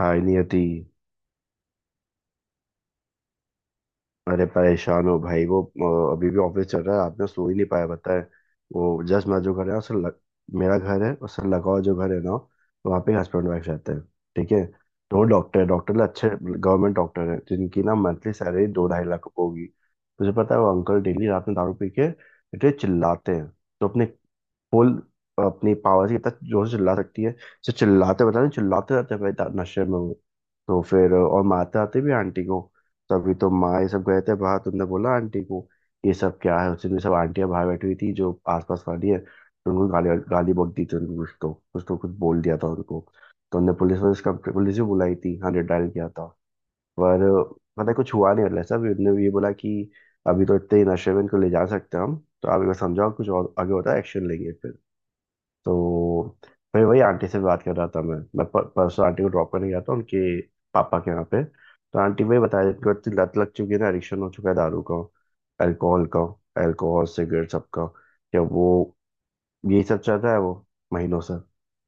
हाय नियति। अरे परेशान हो भाई। वो अभी भी ऑफिस चल रहा है, रात में सो ही नहीं पाया, पता है। वो जस्ट मैं जो घर है उससे लग, मेरा घर है उससे लगा हुआ जो घर है ना, वहाँ पे हस्बैंड वाइफ रहते हैं, ठीक है। तो डॉक्टर है, डॉक्टर ना, अच्छे गवर्नमेंट डॉक्टर हैं, जिनकी ना मंथली सैलरी दो ढाई लाख होगी। तुझे पता है वो अंकल डेली रात में दारू पी के इतने चिल्लाते हैं। तो अपने फुल अपनी पावर से इतना जोर से चिल्ला सकती है। तो चिल्लाते, बता नहीं, चिल्लाते रहते हैं भाई, नशे में वो। तो फिर और मारते आते भी आंटी को। तो अभी तो माँ ये सब गए थे बाहर, तुमने बोला आंटी को, ये सब क्या है। उस दिन सब आंटियां बाहर बैठी हुई थी जो आसपास वाली है, तो उनको गाली गाली बक दी थी, उनको कुछ बोल दिया था उनको। तो उनने पुलिस पुलिस का पुलिस भी बुलाई थी, हाँ डायल किया था। पर पता है कुछ हुआ नहीं। मतलब सब उन्होंने ये बोला कि अभी तो इतने ही नशे में इनको ले जा सकते हैं हम, तो आप एक बार समझाओ, कुछ और आगे होता है एक्शन लेंगे फिर। तो मैं वही आंटी से बात कर रहा था। परसों आंटी को ड्रॉप करने गया था उनके पापा के यहाँ पे। तो आंटी वही बताया, इनको इतनी लत लग चुकी है ना, एडिक्शन हो चुका है, दारू का, अल्कोहल का। अल्कोहल, सिगरेट, सबका क्या वो, यही सब चल रहा है वो महीनों से।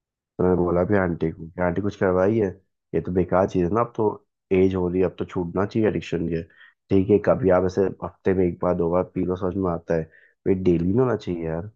तो मैंने बोला भी आंटी को कि आंटी कुछ करवाई है, ये तो बेकार चीज़ है ना अब तो, एज हो रही है, अब तो छूटना चाहिए एडिक्शन ये। ठीक है, कभी आप ऐसे हफ्ते में एक बार, दो बार पी लो समझ में आता है, ये डेली नहीं होना चाहिए यार।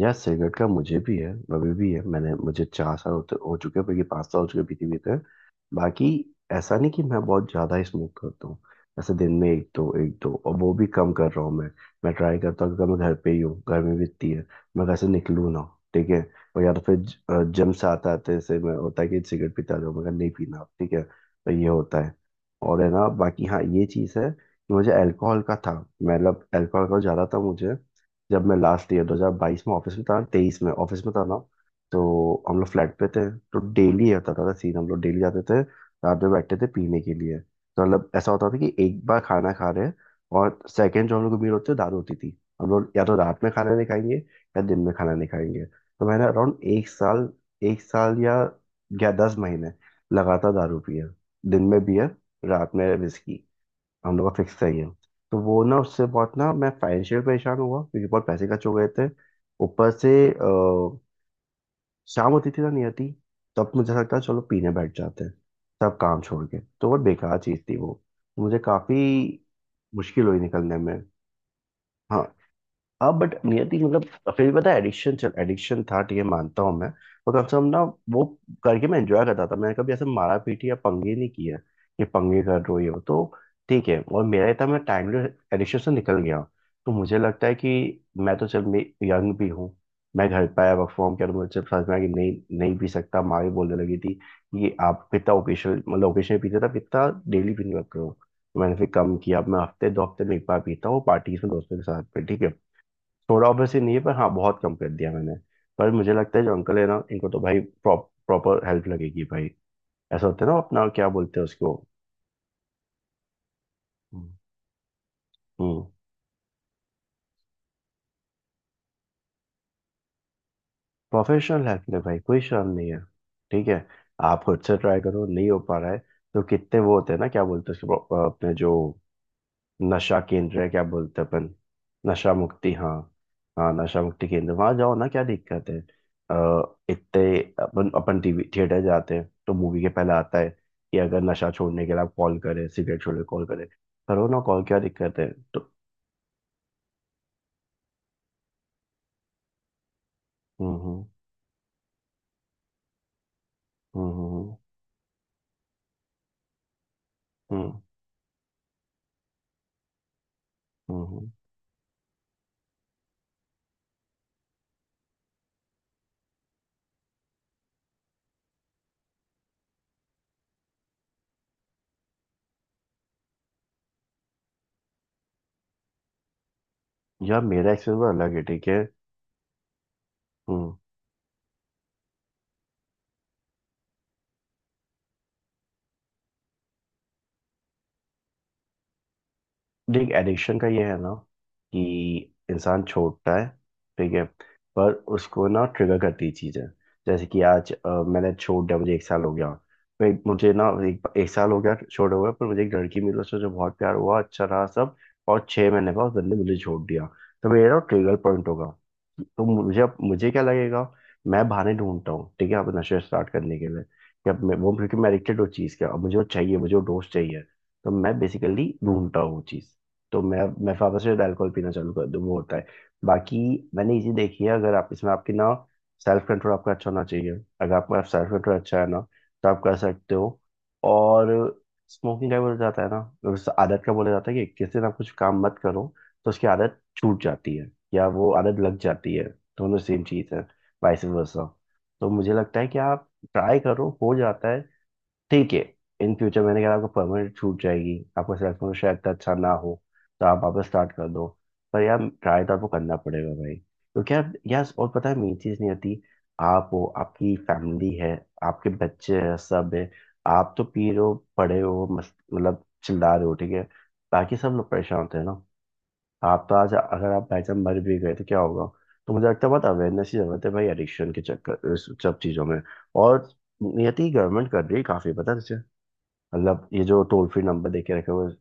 यार सिगरेट का मुझे भी है, अभी भी है। मैंने मुझे 4 साल होते हो चुके हैं, बल्कि 5 साल हो चुके पीते पीते। बाकी ऐसा नहीं कि मैं बहुत ज्यादा ही स्मोक करता हूँ, ऐसे दिन में एक दो, एक दो, और वो भी कम कर रहा हूँ मैं। मैं ट्राई करता हूँ, क्योंकि मैं घर पे ही हूँ, गर्मी भी इतनी है, मैं घर से निकलूँ ना, ठीक है। और या तो फिर जिम से आते आते से मैं होता है कि सिगरेट पीता जाऊँ, मैं नहीं पीना अब, ठीक है, तो ये होता है। और है ना बाकी, हाँ, ये चीज़ है कि मुझे अल्कोहल का था, मतलब अल्कोहल का ज़्यादा था मुझे। जब मैं लास्ट ईयर 2022 में ऑफिस में था, 23 में ऑफिस में था ना, तो हम लोग फ्लैट पे थे। तो डेली होता था सीन, हम लोग डेली जाते थे रात में, बैठते थे पीने के लिए। तो मतलब ऐसा होता था कि एक बार खाना खा रहे हैं और सेकंड जो हम लोग को मील होती है, दाल होती थी। हम लोग या तो रात में खाना नहीं खाएंगे या दिन में खाना नहीं खाएंगे। तो मैंने अराउंड एक साल या 10 महीने लगातार दारू पी है। दिन में बियर, रात में विस्की, हम लोग का फिक्स चाहिए। तो वो ना उससे बहुत ना, मैं फाइनेंशियल परेशान हुआ क्योंकि बहुत पैसे खर्च हो गए थे। ऊपर से शाम होती थी ना नहीं आती, तब मुझे लगता है चलो पीने बैठ जाते हैं, तब काम छोड़ के। तो बहुत बेकार चीज़ थी वो। मुझे काफ़ी मुश्किल हुई निकलने में। हाँ। अब बट नियति मतलब फिर भी पता है, एडिक्शन था, ठीक है, मानता हूँ, मैं तो कम से कम ना वो करके मैं एंजॉय करता था। मैंने कभी ऐसे मारा पीटी या पंगे नहीं किया कि पंगे कर रहे हो ये वो। तो ठीक है। और मेरा इतना, मैं टाइमलेस एडिक्शन से निकल गया हूँ। तो मुझे लगता है कि मैं तो चल, मैं यंग भी हूँ, मैं घर पे आया, वर्क फ्रॉम किया, तो मुझे समझ में आया कि नहीं, नहीं पी सकता। माँ भी बोलने लगी थी कि आप कितना ओकेशन, मतलब ओकेशन पीते थे, आप कितना डेली पीने लग रहे हो। मैंने फिर कम किया। अब मैं हफ्ते 2 हफ्ते में एक बार पीता हूँ, पार्टीज में दोस्तों के साथ पे, ठीक है। थोड़ा ऑब्वियसली नहीं है, पर हाँ बहुत कम कर दिया मैंने। पर मुझे लगता है जो अंकल है ना, इनको तो भाई प्रॉपर हेल्प लगेगी भाई। ऐसा होता है ना, अपना क्या बोलते हैं उसको। हम्म। प्रोफेशनल हेल्प ले भाई, कोई शर्म नहीं है, ठीक है। आप खुद से ट्राई करो, नहीं हो पा रहा है, तो कितने वो होते हैं ना, क्या बोलते हैं उसको अपने, जो नशा केंद्र है, क्या बोलते हैं अपन। नशा मुक्ति, हाँ। हाँ नशा मुक्ति केंद्र वहां जाओ ना, क्या दिक्कत है? इतने अपन अपन टीवी थिएटर जाते हैं तो मूवी के पहले आता है कि अगर नशा छोड़ने के लिए आप कॉल करें, सिगरेट छोड़ने कॉल करें। करो ना कॉल, क्या दिक्कत है? तो हम्म, हम्म, हम्म, हम्म, हम्म, हम्म, हम्म। यार मेरा एक्सपीरियंस अलग है, ठीक है। हम्म। देख, एडिक्शन का ये है ना कि इंसान छोड़ता है, ठीक है, पर उसको ना ट्रिगर करती चीज़ है। जैसे कि आज मैंने छोड़ दिया, मुझे एक साल हो गया, फिर मुझे ना एक साल हो गया छोड़े हुए, पर मुझे एक लड़की मिली, उससे जो बहुत प्यार हुआ, अच्छा रहा सब। और 6 महीने बाद उस बंदे ने मुझे छोड़ दिया, तो मेरा ट्रिगर पॉइंट होगा। तो मुझे अब मुझे क्या लगेगा, मैं बहाने ढूंढता हूँ, ठीक है, अब नशे स्टार्ट करने के लिए कि अब मैं वो, क्योंकि मैं एडिक्टेड उस चीज़ का, अब मुझे वो चाहिए, मुझे वो डोज चाहिए। तो मैं बेसिकली ढूंढता हूँ वो चीज़। तो मैं वापस से अल्कोहल पीना चालू कर दूँ, वो होता है। बाकी मैंने इसी देखी है, अगर आप इसमें आपकी ना सेल्फ कंट्रोल आपका अच्छा होना चाहिए। अगर आपका सेल्फ कंट्रोल अच्छा है ना, तो आप कर सकते हो। और स्मोकिंग का बोला जाता है ना, उस आदत का बोला जाता है कि 21 दिन आप कुछ काम मत करो, तो उसकी आदत छूट जाती है या वो आदत लग जाती है। दोनों सेम चीज़ है, वाइस वर्सा। तो मुझे लगता है कि आप ट्राई करो, हो जाता है, ठीक है। इन फ्यूचर मैंने कहा आपको परमानेंट छूट जाएगी आपका सेलेक्शन शायद इतना अच्छा ना हो, तो आप वापस स्टार्ट कर दो। पर यार ट्राई तो आपको करना पड़ेगा भाई, क्योंकि यार, यार, और पता है मेन चीज़ नहीं आती। आप हो, आपकी फैमिली है, आपके बच्चे हैं, सब है। आप तो पी रहे हो, पढ़े हो मस्त, मतलब चिल्ला रहे हो, ठीक है, बाकी सब लोग परेशान होते हैं ना। आप तो आज अगर आप बाई मर भी गए तो क्या होगा। तो मुझे लगता है बहुत अवेयरनेस की जरूरत है भाई, एडिक्शन के चक्कर इस सब चीज़ों में। और नियति, गवर्नमेंट कर रही है काफ़ी पता है, मतलब ये जो टोल फ्री नंबर दे के रखे हुए।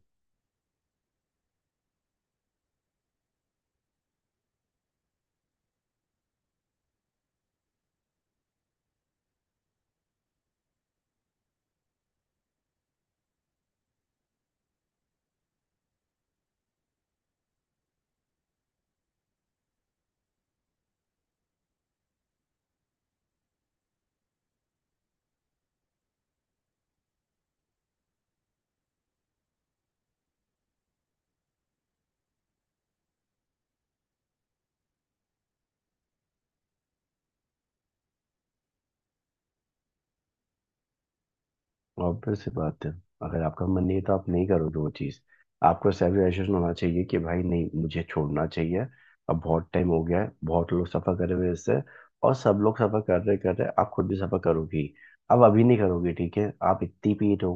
ऑब्वियस सी बात है, अगर आपका मन नहीं है तो आप नहीं करोगे वो चीज़। आपको सेल्फ रियलाइजेशन होना चाहिए कि भाई नहीं मुझे छोड़ना चाहिए, अब बहुत टाइम हो गया है, बहुत लोग सफ़र कर रहे हैं इससे। और सब लोग सफ़र कर रहे, आप खुद भी सफ़र करोगी, अब अभी नहीं करोगी, ठीक है, आप इतनी पीट हो,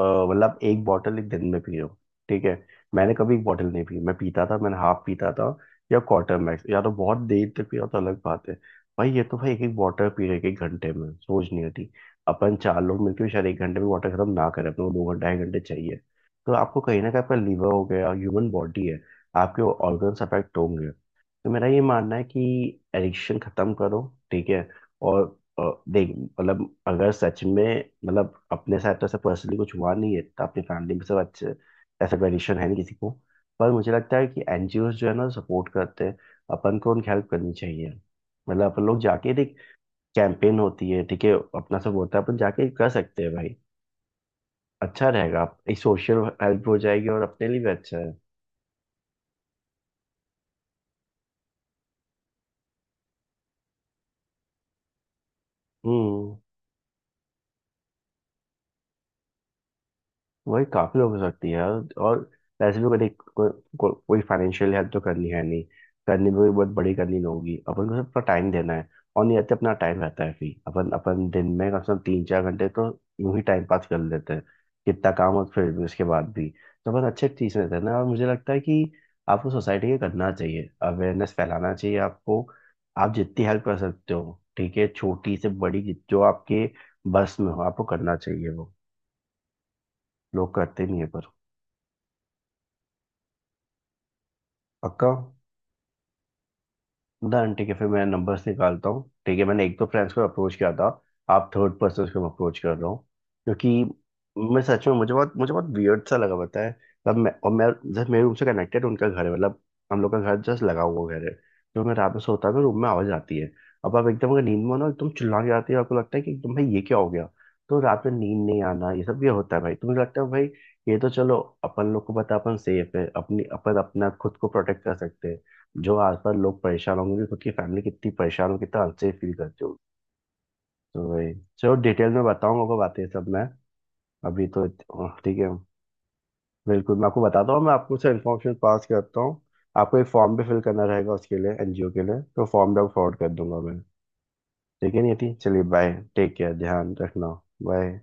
मतलब एक बॉटल एक दिन में पी रहे हो, ठीक है, मैंने कभी एक बॉटल नहीं पी। मैं पीता था, मैंने हाफ पीता था, या क्वार्टर मैक्स, या तो बहुत देर तक पिया तो अलग बात है। भाई ये तो भाई, एक एक बॉटल पी रहे एक घंटे में, सोच नहीं होती। अपन चार लोग मिलकर भी शायद एक घंटे में वाटर खत्म ना करें, अपने को 2 घंटे 2.5 घंटे चाहिए। तो आपको कहीं ना कहीं आपका लीवर हो गया, ह्यूमन बॉडी है, आपके ऑर्गन्स अफेक्ट होंगे। तो मेरा ये मानना है कि एडिक्शन खत्म करो, ठीक है। और और देख मतलब, अगर सच में मतलब अपने साथ तो ऐसा पर्सनली कुछ हुआ नहीं है, तो अपनी फैमिली में सब अच्छे, ऐसा कंडीशन है नहीं किसी को। पर मुझे लगता है कि एनजीओज जो है ना सपोर्ट करते हैं, अपन को उनकी हेल्प करनी चाहिए। मतलब अपन लोग जाके देख, कैंपेन होती है, ठीक है, अपना सब होता है, अपन जाके कर सकते हैं भाई, अच्छा रहेगा। इस सोशल हेल्प हो जाएगी और अपने लिए भी अच्छा है। हम्म। वही काफी लोग हो सकती है, और वैसे भी कभी कोई फाइनेंशियल हेल्प तो करनी है नहीं, करनी भी बहुत बड़ी करनी होगी, अपन को अपना टाइम देना है। और नहीं रहते अपना टाइम रहता है फ्री, अपन अपन दिन में कम से कम तीन चार घंटे तो यूं ही टाइम पास कर लेते हैं। कितना काम और फिर भी उसके बाद भी, तो अपन अच्छे चीज रहते हैं ना। और मुझे लगता है कि आपको सोसाइटी के करना चाहिए, अवेयरनेस फैलाना चाहिए आपको, आप जितनी हेल्प कर सकते हो ठीक है, छोटी से बड़ी, जो आपके बस में हो आपको करना चाहिए वो। लोग करते नहीं है पर। पक्का, डन, ठीक है, फिर मैं नंबर्स निकालता हूँ ठीक है। मैंने एक तो फ्रेंड्स को अप्रोच किया था, आप थर्ड पर्सन को अप्रोच कर रहा हूँ, क्योंकि मैं सच में मुझे बहुत वियर्ड सा लगा पता है, तब मैं और मैं, जैसे मेरे रूम से कनेक्टेड उनका घर है, मतलब हम लोग का घर जस्ट लगा हुआ घर है, जो मैं रात में सोता हूँ तो रूम में आवाज आती है। अब आप एकदम अगर नींद में हो ना एकदम चिल्ला के आती है, आपको लगता है कि एकदम भाई ये क्या हो गया, तो रात में नींद नहीं आना ये सब, ये होता है भाई। तो मुझे लगता है भाई ये तो चलो, अपन लोग को पता है, अपन सेफ है, अपनी अपन अपना खुद को प्रोटेक्ट कर सकते हैं। जो आसपास लोग परेशान होंगे कि खुद की फैमिली कितनी परेशान हो कितना अनसेफ फील करते होगी। तो वही, चलो डिटेल में बताऊंगा आपको बातें सब मैं। अभी तो ठीक है। बिल्कुल, मैं आपको बताता हूँ, मैं आपको से इन्फॉर्मेशन पास करता हूँ। आपको एक फॉर्म भी फिल करना रहेगा उसके लिए, एनजीओ के लिए तो फॉर्म भी फॉरवर्ड कर दूंगा मैं। ठीक है, नहीं थी, चलिए, बाय, टेक केयर, ध्यान रखना। बाय।